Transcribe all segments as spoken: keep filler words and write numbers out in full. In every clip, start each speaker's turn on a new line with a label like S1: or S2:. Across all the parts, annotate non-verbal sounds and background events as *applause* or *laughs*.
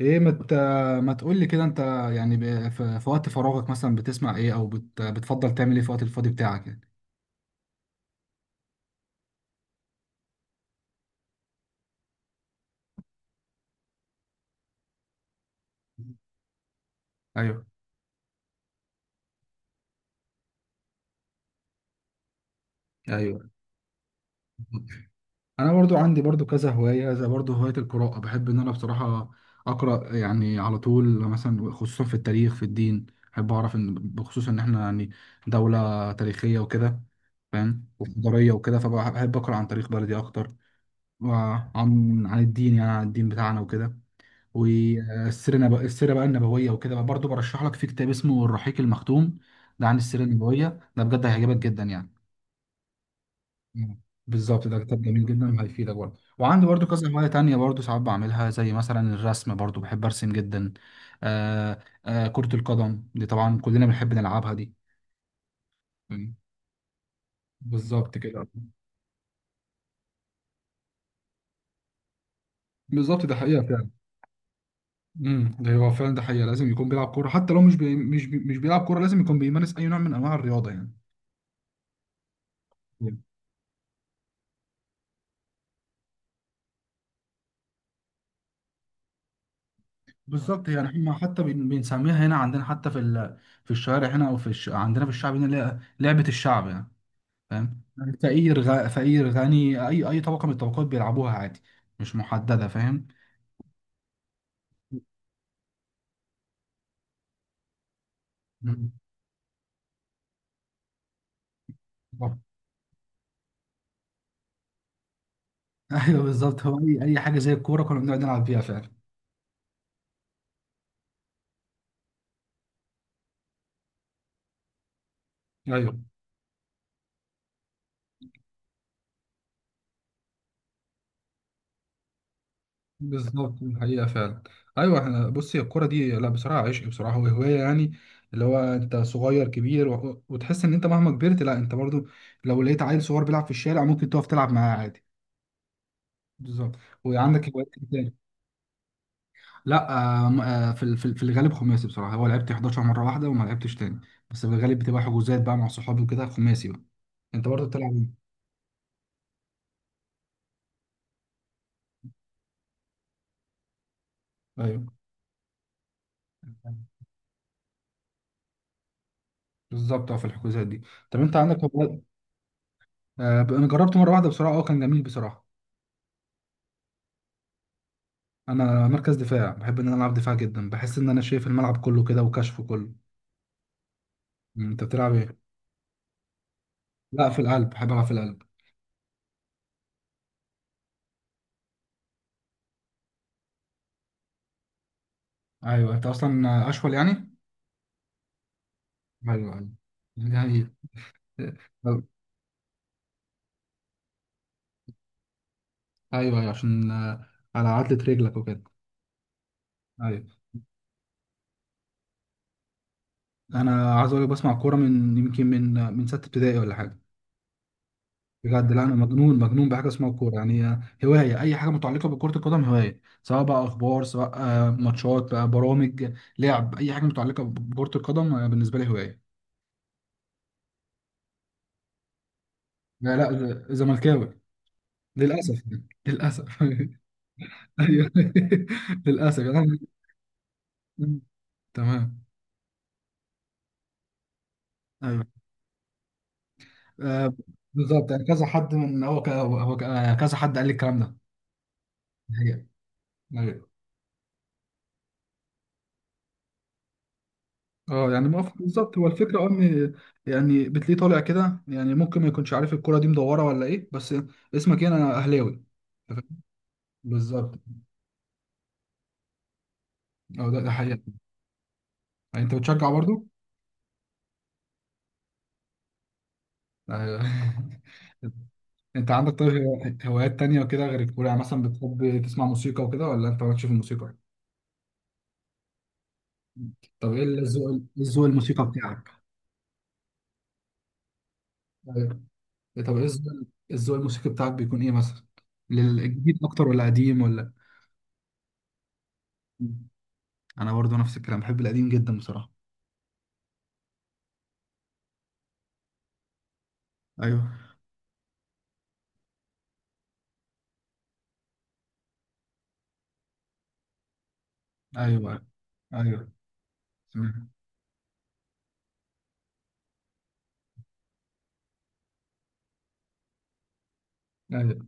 S1: ايه، ما مت... ما تقول لي كده انت؟ يعني ب... في... في وقت فراغك مثلا بتسمع ايه، او بت... بتفضل تعمل ايه في وقت الفاضي بتاعك يعني؟ ايوه، ايوه. انا برضو عندي برضو كذا هواية، زي برضو هواية القراءة. بحب ان انا بصراحة اقرا يعني على طول، مثلا خصوصا في التاريخ، في الدين. بحب اعرف ان بخصوص ان احنا يعني دولة تاريخية وكده، فاهم، وحضارية وكده، فبحب اقرا عن تاريخ بلدي اكتر. وعن عن الدين، يعني عن الدين بتاعنا وكده. والسيره نب... السيره بقى النبويه وكده، بقى برضه برشح لك في كتاب اسمه الرحيق المختوم. ده عن السيره النبويه، ده بجد هيعجبك جدا يعني. مم. بالظبط، ده كتاب جميل جدا وهيفيدك برضه. وعندي برضه كذا هوايه تانية برضه ساعات بعملها، زي مثلا الرسم، برضه بحب ارسم جدا. آه، آه، كره القدم دي طبعا كلنا بنحب نلعبها دي. مم. بالظبط كده. بالظبط، ده حقيقه فعلا. امم ده هو فعلا، ده حقيقه، لازم يكون بيلعب كوره، حتى لو مش بي... مش بي... مش بيلعب كوره لازم يكون بيمارس اي نوع من انواع الرياضه يعني. بالظبط، يعني احنا حتى بن- بنسميها هنا عندنا، حتى في ال... في الشوارع هنا، او في الش... عندنا في الشعب هنا اللي هي لعبه الشعب يعني. فاهم، يعني فقير غ... فقير غني، اي اي طبقه من الطبقات بيلعبوها عادي. مش محدده، فاهم. مم. بالظبط. *laughs* ايوه، بالظبط، هو اي اي حاجه زي الكوره كنا بنقعد نلعب فيها فعلا. ايوه، بالظبط، الحقيقه فعلا. ايوه، احنا بصي الكوره دي لا بصراحه عشق بصراحه، وهوايه يعني. اللي هو انت صغير كبير، و... وتحس ان انت مهما كبرت لا انت برضو. لو لقيت عيل صغير بيلعب في الشارع ممكن تقف تلعب معاه عادي. بالظبط. وعندك هوايات إيه تاني؟ لا. آه م- آه في ال- في ال- في الغالب خماسي بصراحه، هو لعبت احداشر مره واحده وما لعبتش تاني. بس في الغالب بتبقى حجوزات بقى مع صحابي وكده، خماسي بقى. انت برضه بتلعب إيه؟ ايوه، بالظبط، اه في الحجوزات دي. طب انت عندك هوايات؟ آه ب- انا جربت مره واحده بصراحه، اه كان جميل بصراحه. انا مركز دفاع، بحب ان انا العب دفاع جدا، بحس ان انا شايف الملعب كله كده وكشفه كله. مم، انت بتلعب ايه؟ لا، في القلب، بحب العب في القلب. ايوه، انت اصلا اشول يعني. ايوه، ايوه، يعني. ايوه، ايوه، عشان آه، على عضلة رجلك وكده. ايوه، انا عايز اقول لك بسمع كوره من، يمكن، من من ستة ابتدائي ولا حاجه. بجد، لا انا مجنون مجنون بحاجه اسمها الكوره يعني، آه، هوايه اي حاجه متعلقه بكره القدم، هوايه سواء بقى اخبار، سواء آه، ماتشات بقى برامج. لعب اي حاجه متعلقه بكره القدم، آه، بالنسبه لي هوايه. لا، لا، ز- زملكاوي للاسف يعني. للاسف. *laughs* ايوه. *laughs* للاسف يعني. تمام. ايوه، آه، بالظبط، يعني كذا حد من هو ك- هو ك- آه، كذا حد قال لي الكلام ده. هي. ايوه. اه يعني موافق، بالظبط هو الفكره، اه ان. يعني بتلاقيه طالع كده، يعني ممكن ما يكونش عارف الكوره دي مدوره ولا ايه بس. اسمك ايه؟ انا اهلاوي. بالظبط. اه ده ده حقيقة. يعني انت بتشجع برضو؟ ايوه. *laughs* انت عندك طيب هو- هوايات تانية وكده غير الكورة، يعني مثلا بتحب تسمع موسيقى وكده، ولا انت مالكش في الموسيقى؟ طب ايه الذوق إيه الذوق الموسيقى بتاعك؟ ايوه. طب ايه الذوق الذوق الموسيقي بتاعك بيكون ايه مثلا؟ للجديد اكتر ولا قديم ولا؟ انا برضو نفس الكلام، بحب القديم جدا بصراحه. ايوه، ايوه، ايوه. سمعت. ايوه،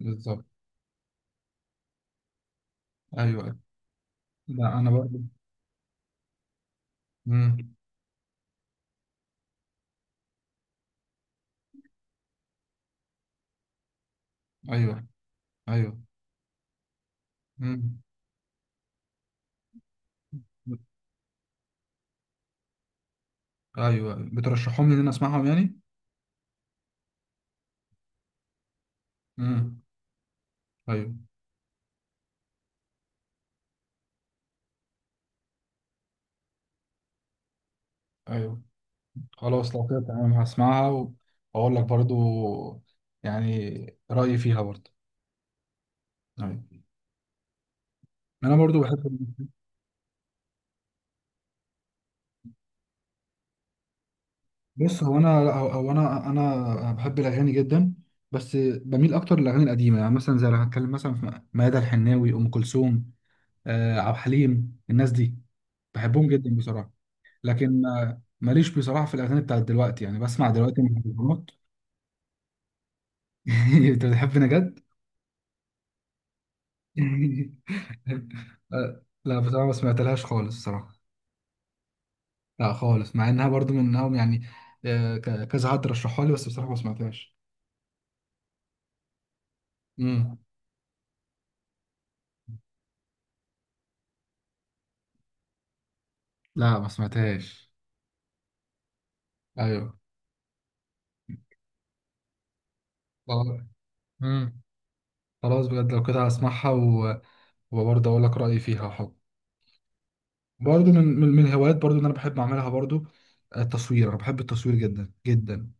S1: بالظبط. ايوه. لا، انا برضو. امم. ايوه، ايوه. امم. ايوه. أيوه. بترشحهم لي ان انا اسمعهم يعني. امم. ايوه، ايوه. خلاص، لو كده تمام هسمعها، واقول لك برضو يعني رايي فيها برضو. ايوه، انا برضو بحب. بص، هو انا هو هو انا انا بحب الاغاني جدا. بس بميل اكتر للاغاني القديمه، يعني مثلا زي لو هتكلم مثلا في ميادة الحناوي، ام كلثوم، آه، عبد الحليم الناس دي بحبهم جدا بصراحه. لكن آه، ماليش بصراحه في الاغاني بتاعت دلوقتي، يعني بسمع دلوقتي مهرجانات. *laughs* انت بتحبني جد؟ *laughs* آه، لا بصراحه ما سمعتلهاش خالص بصراحه. لا خالص، مع انها برضو منهم يعني. آه، ك- كذا حد رشحها لي بس بصراحه ما سمعتهاش. امم. لا، ما سمعتهاش. ايوه. آه. مم. خلاص بجد، لو كده هسمعها. و... وبرضه اقول لك رايي فيها حب. برضه من من من الهوايات برضه اللي انا بحب اعملها برضه، آه، التصوير، انا بحب التصوير جدا جدا.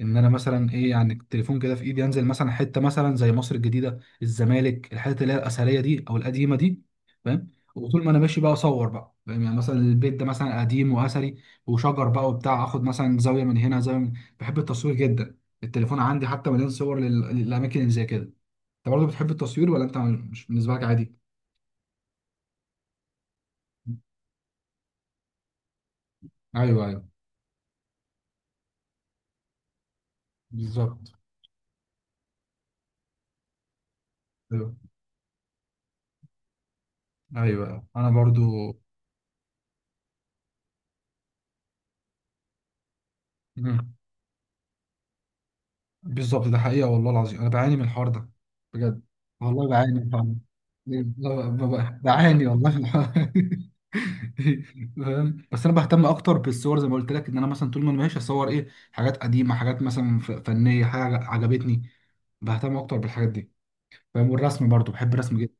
S1: ان انا مثلا ايه يعني، التليفون كده في ايدي، انزل مثلا حته مثلا زي مصر الجديده، الزمالك، الحتت اللي هي الاثريه دي او القديمه دي. فاهم، وطول ما انا ماشي بقى اصور بقى، فاهم يعني، مثلا البيت ده مثلا قديم واثري وشجر بقى وبتاع، اخد مثلا زاويه من هنا، زاويه من. بحب التصوير جدا. التليفون عندي حتى مليان صور لل... للاماكن اللي زي كده. انت برضه بتحب التصوير، ولا انت مش بالنسبه لك عادي؟ ايوه، ايوه، بالظبط. ايوه، ايوه، انا برضو. مم. بالظبط، ده حقيقه، والله العظيم انا بعاني من الحوار ده. بجد، والله بعاني فعلا. لا، ب- ب- بعاني والله في الحوار. *laughs* فاهم، بس انا بهتم اكتر بالصور زي ما قلت لك ان انا مثلا طول ما انا ماشي اصور ايه، حاجات قديمه، حاجات مثلا ف- فنيه، حاجه عجبتني. بهتم اكتر بالحاجات دي. فاهم، والرسم برضو بحب الرسم جدا.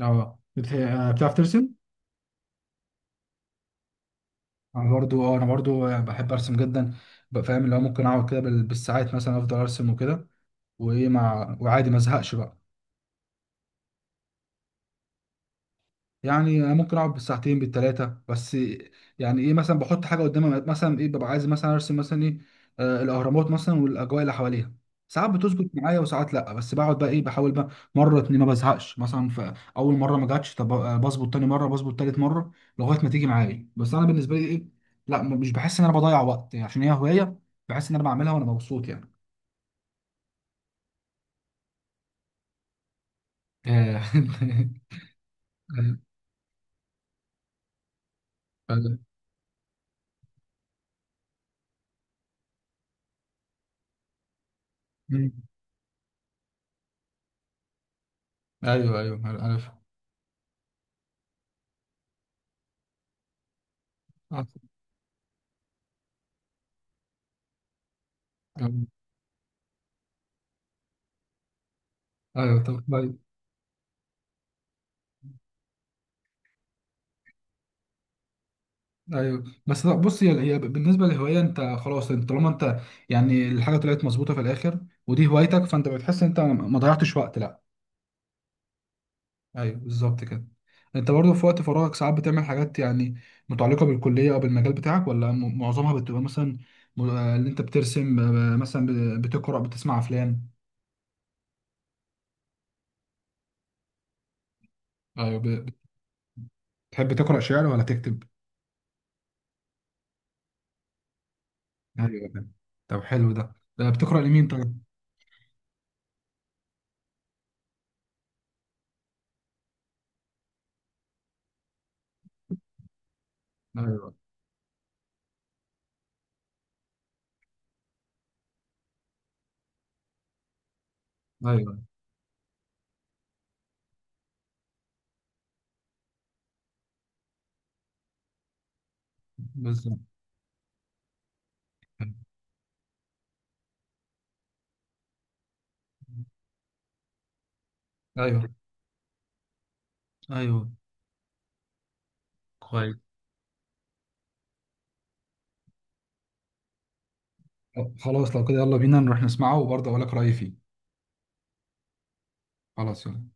S1: اه بت- آه، بتعرف ترسم؟ انا برضو، اه انا برضو آه، بحب ارسم جدا. بقى فاهم، اللي هو ممكن اقعد كده بال- بالساعات مثلا افضل ارسم وكده. وايه مع وعادي، ما ازهقش بقى. يعني أنا ممكن اقعد بالساعتين بالثلاثه بس. يعني ايه مثلا، بحط حاجه قدامي مثلا ايه، ببقى عايز مثلا ارسم مثلا ايه. آه الاهرامات مثلا والاجواء اللي حواليها. ساعات بتظبط معايا وساعات لا، بس بقعد بقى ايه بحاول بقى. مره اتنين ما بزهقش، مثلا في اول مره ما جاتش، طب آه، بظبط تاني مره، بظبط تالت مره. لغايه ما تيجي معايا، بس انا بالنسبه لي ايه. لا، م- مش بحس ان انا بضيع وقت يعني، عشان هي هوايه. بحس ان انا بعملها وانا مبسوط يعني. آه. *laughs* ايوه، ايوه، ايوه، عارف. ايوه، طب. ايوه، بس لا بص، هي هي بالنسبه للهوايه، انت خلاص انت طالما انت. يعني الحاجه طلعت مظبوطه في الاخر، ودي هوايتك، فانت بتحس ان انت ما ضيعتش وقت لا. ايوه، بالظبط كده. انت برضه في وقت فراغك ساعات بتعمل حاجات، يعني متعلقه بالكليه او بالمجال بتاعك، ولا م- معظمها بتبقى، مثلا م- آه، اللي انت بترسم، آه، مثلا ب- بتقرا، بتسمع افلام؟ ايوه، ب- بتحب تقرا شعر ولا تكتب؟ ايوه، تمام. طب حلو ده. آه، بتقرا لمين طيب؟ ايوه، ايوه، بالظبط، ايوه، ايوه، كويس. خلاص، لو كده يلا بينا نروح نسمعه وبرضه اقول لك رأيي فيه. خلاص يلا.